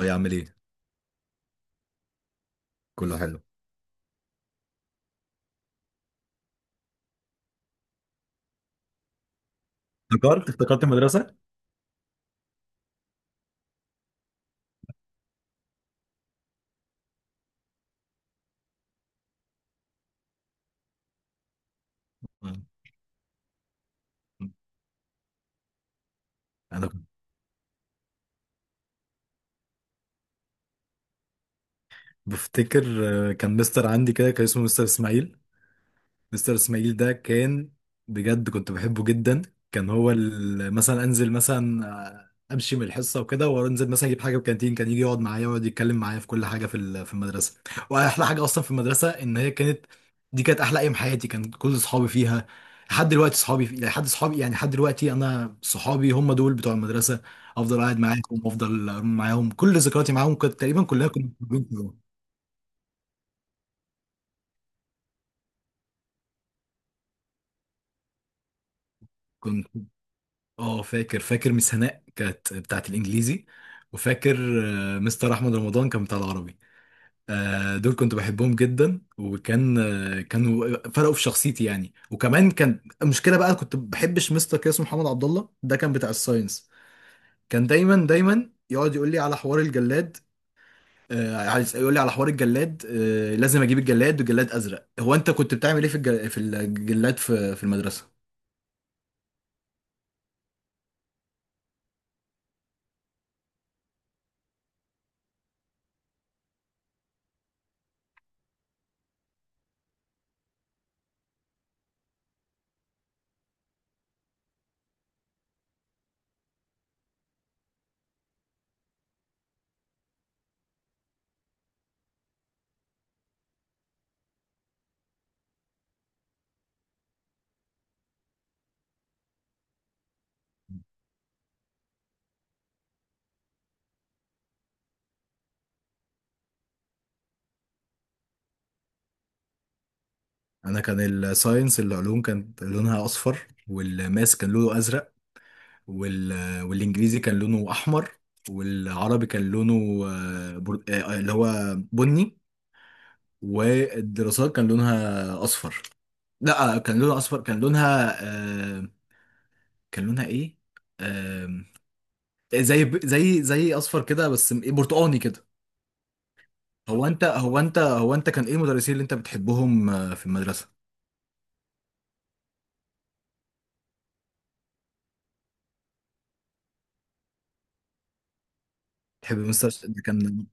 يا عامل ايه، كله حلو. افتكرت المدرسة. آه. انا كنت بفتكر. كان مستر عندي كده، كان اسمه مستر اسماعيل. مستر اسماعيل ده كان، بجد كنت بحبه جدا. كان هو مثلا انزل مثلا، امشي من الحصه وكده، وانزل مثلا اجيب حاجه في الكانتين، كان يجي يقعد معايا ويقعد يتكلم معايا في كل حاجه في المدرسه. واحلى حاجه اصلا في المدرسه، ان هي كانت دي كانت احلى ايام حياتي، كان كل اصحابي فيها. لحد صحابي يعني، لحد دلوقتي انا صحابي هم دول بتوع المدرسه. افضل قاعد معاهم وافضل معاهم، كل ذكرياتي معاهم كانت تقريبا كلها. كنت اه، فاكر، ميس هناء كانت بتاعت الانجليزي، وفاكر مستر احمد رمضان كان بتاع العربي. دول كنت بحبهم جدا، وكان كانوا فرقوا في شخصيتي يعني. وكمان كان المشكله بقى، كنت بحبش مستر كده اسمه محمد عبد الله، ده كان بتاع الساينس. كان دايما دايما يقعد يقول لي على حوار الجلاد. عايز يقول لي على حوار الجلاد، لازم اجيب الجلاد، والجلاد ازرق. هو انت كنت بتعمل ايه في في الجلاد في المدرسه؟ انا كان الساينس العلوم كانت لونها اصفر، والماس كان لونه ازرق، وال... والانجليزي كان لونه احمر، والعربي كان لونه، آه، بر... آه، آه، اللي هو بني، والدراسات كان لونها اصفر. لا، كان لونها اصفر. كان لونها، آه، كان لونها ايه؟ آه، زي زي اصفر كده، بس برتقاني كده. هو انت كان ايه المدرسين اللي انت بتحبهم في المدرسة؟ تحب مستر ده كان...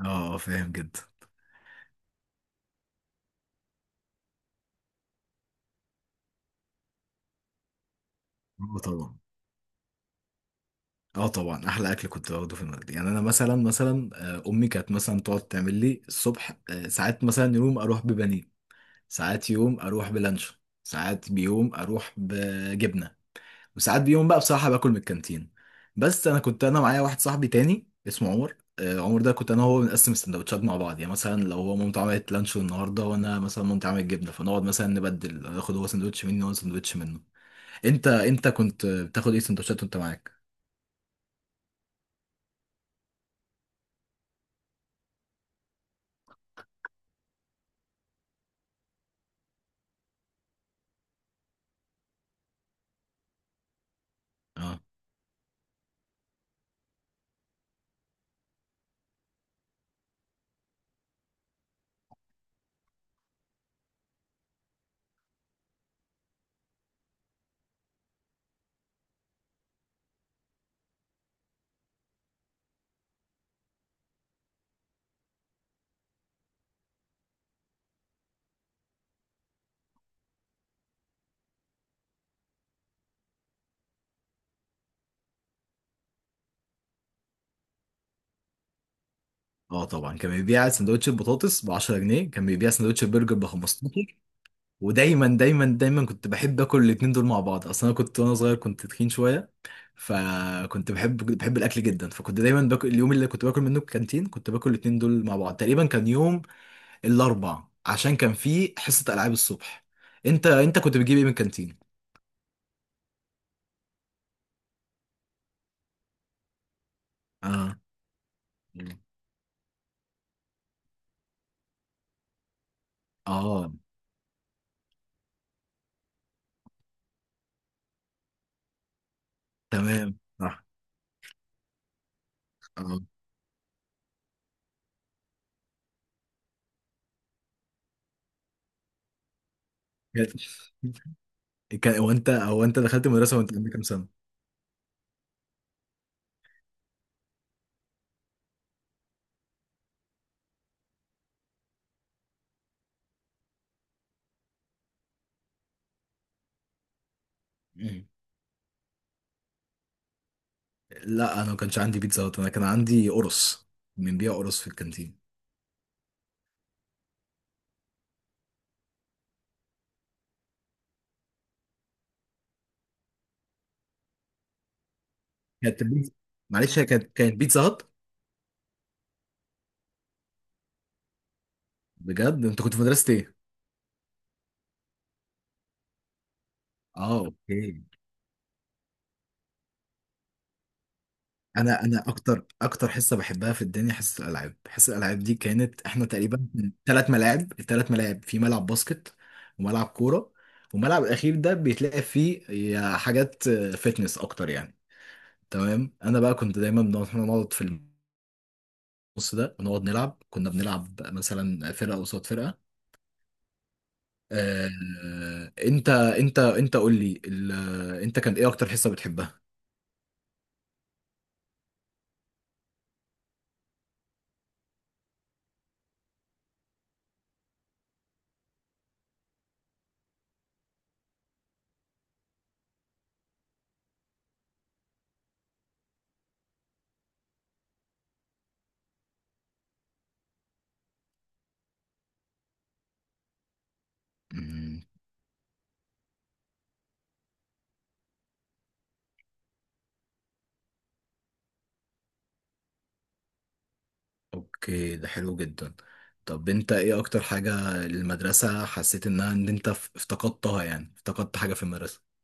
اه. فاهم جدا. اه طبعا، اه طبعا احلى اكل كنت باخده في المدرسه يعني. انا مثلا، مثلا امي كانت مثلا تقعد تعمل لي الصبح، ساعات مثلا يوم اروح ببانيه، ساعات يوم اروح بلانشون، ساعات بيوم اروح بجبنه، وساعات بيوم بقى بصراحه باكل من الكانتين. بس انا كنت، انا معايا واحد صاحبي تاني اسمه عمر. عمر ده كنت انا وهو بنقسم السندوتشات مع بعض يعني. مثلا لو هو مامته عملت لانشون النهارده، وانا مثلا مامتي عملت جبنه، فنقعد مثلا نبدل، اخد هو سندوتش مني وانا سندوتش منه. انت كنت بتاخد ايه سندوتشات وانت معاك؟ آه. اه طبعا، كان بيبيع سندوتش البطاطس ب 10 جنيه، كان بيبيع سندوتش البرجر ب 15. ودايما دايما دايما كنت بحب اكل الاتنين دول مع بعض. اصلا انا كنت وانا صغير كنت تخين شويه، فكنت بحب الاكل جدا، فكنت دايما باكل. اليوم اللي كنت باكل منه الكانتين كنت باكل الاتنين دول مع بعض تقريبا، كان يوم الاربع عشان كان فيه حصه العاب الصبح. انت كنت بتجيب ايه من الكانتين؟ اه. اه تمام، صح. اه. كان، هو انت دخلت المدرسه وانت عندك كام سنه؟ لا، انا ما كانش عندي بيتزا هات، انا كان عندي قرص. من بيع قرص في الكانتين؟ كانت البيتزا، معلش، هي كانت، كانت بيتزا هات. بجد انت كنت في مدرسه ايه؟ اه، اوكي. انا اكتر حصه بحبها في الدنيا حصه الالعاب. حصه الالعاب دي كانت احنا تقريبا ثلاث ملاعب، الثلاث ملاعب في ملعب باسكت، وملعب كوره، والملعب الاخير ده بيتلاقي فيه يا حاجات، فتنس اكتر يعني. تمام، انا بقى كنت دايما بنقعد، إحنا نقعد في النص ده ونقعد نلعب. كنا بنلعب مثلا فرقه قصاد فرقه. آه، انت قول لي انت كان ايه اكتر حصة بتحبها؟ مم. اوكي، ده حلو جدا. طب انت ايه اكتر حاجة المدرسة حسيت انها، ان انت افتقدتها؟ يعني افتقدت حاجة في المدرسة.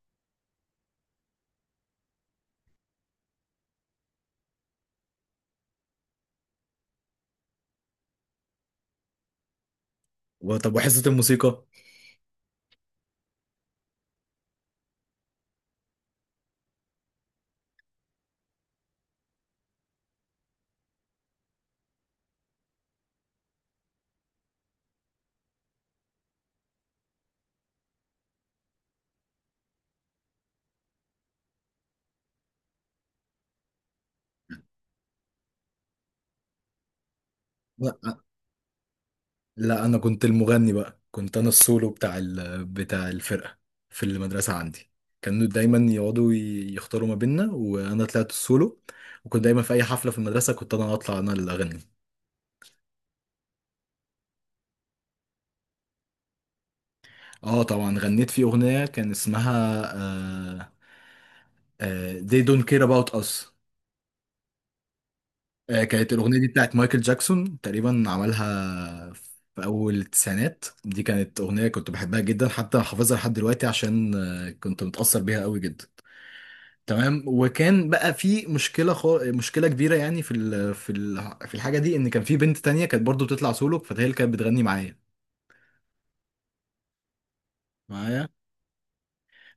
وطب وحصة الموسيقى؟ لا، لا، انا كنت المغني بقى. كنت انا السولو بتاع الفرقة في المدرسة عندي. كانوا دايما يقعدوا يختاروا ما بيننا، وانا طلعت السولو. وكنت دايما في اي حفلة في المدرسة كنت انا اطلع، انا اللي اغني. اه طبعا، غنيت في اغنيه كان اسمها They Don't Care About Us. كانت الاغنيه دي بتاعت مايكل جاكسون، تقريبا عملها في اول التسعينات، دي كانت اغنيه كنت بحبها جدا، حتى حافظها لحد دلوقتي، عشان كنت متاثر بيها قوي جدا. تمام، وكان بقى في مشكله، مشكله كبيره يعني في الحاجه دي، ان كان في بنت تانية كانت برضو بتطلع سولو، فهي اللي كانت بتغني معايا.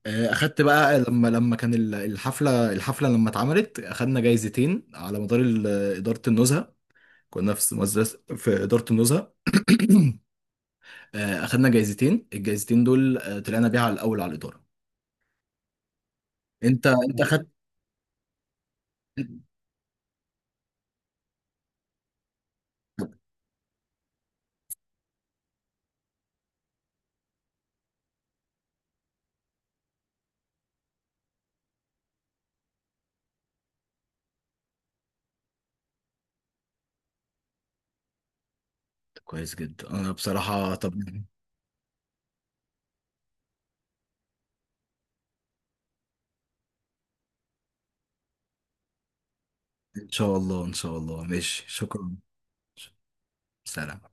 اخدت بقى لما كان الحفله، لما اتعملت اخدنا جايزتين على مدار اداره النزهه. كنا في مدرسه في اداره النزهه. اخدنا جايزتين، الجايزتين دول طلعنا بيها على الاول على الاداره. انت اخدت... كويس جدا، انا بصراحه طب... ان شاء الله، ان شاء الله، ماشي، شكرا. سلام.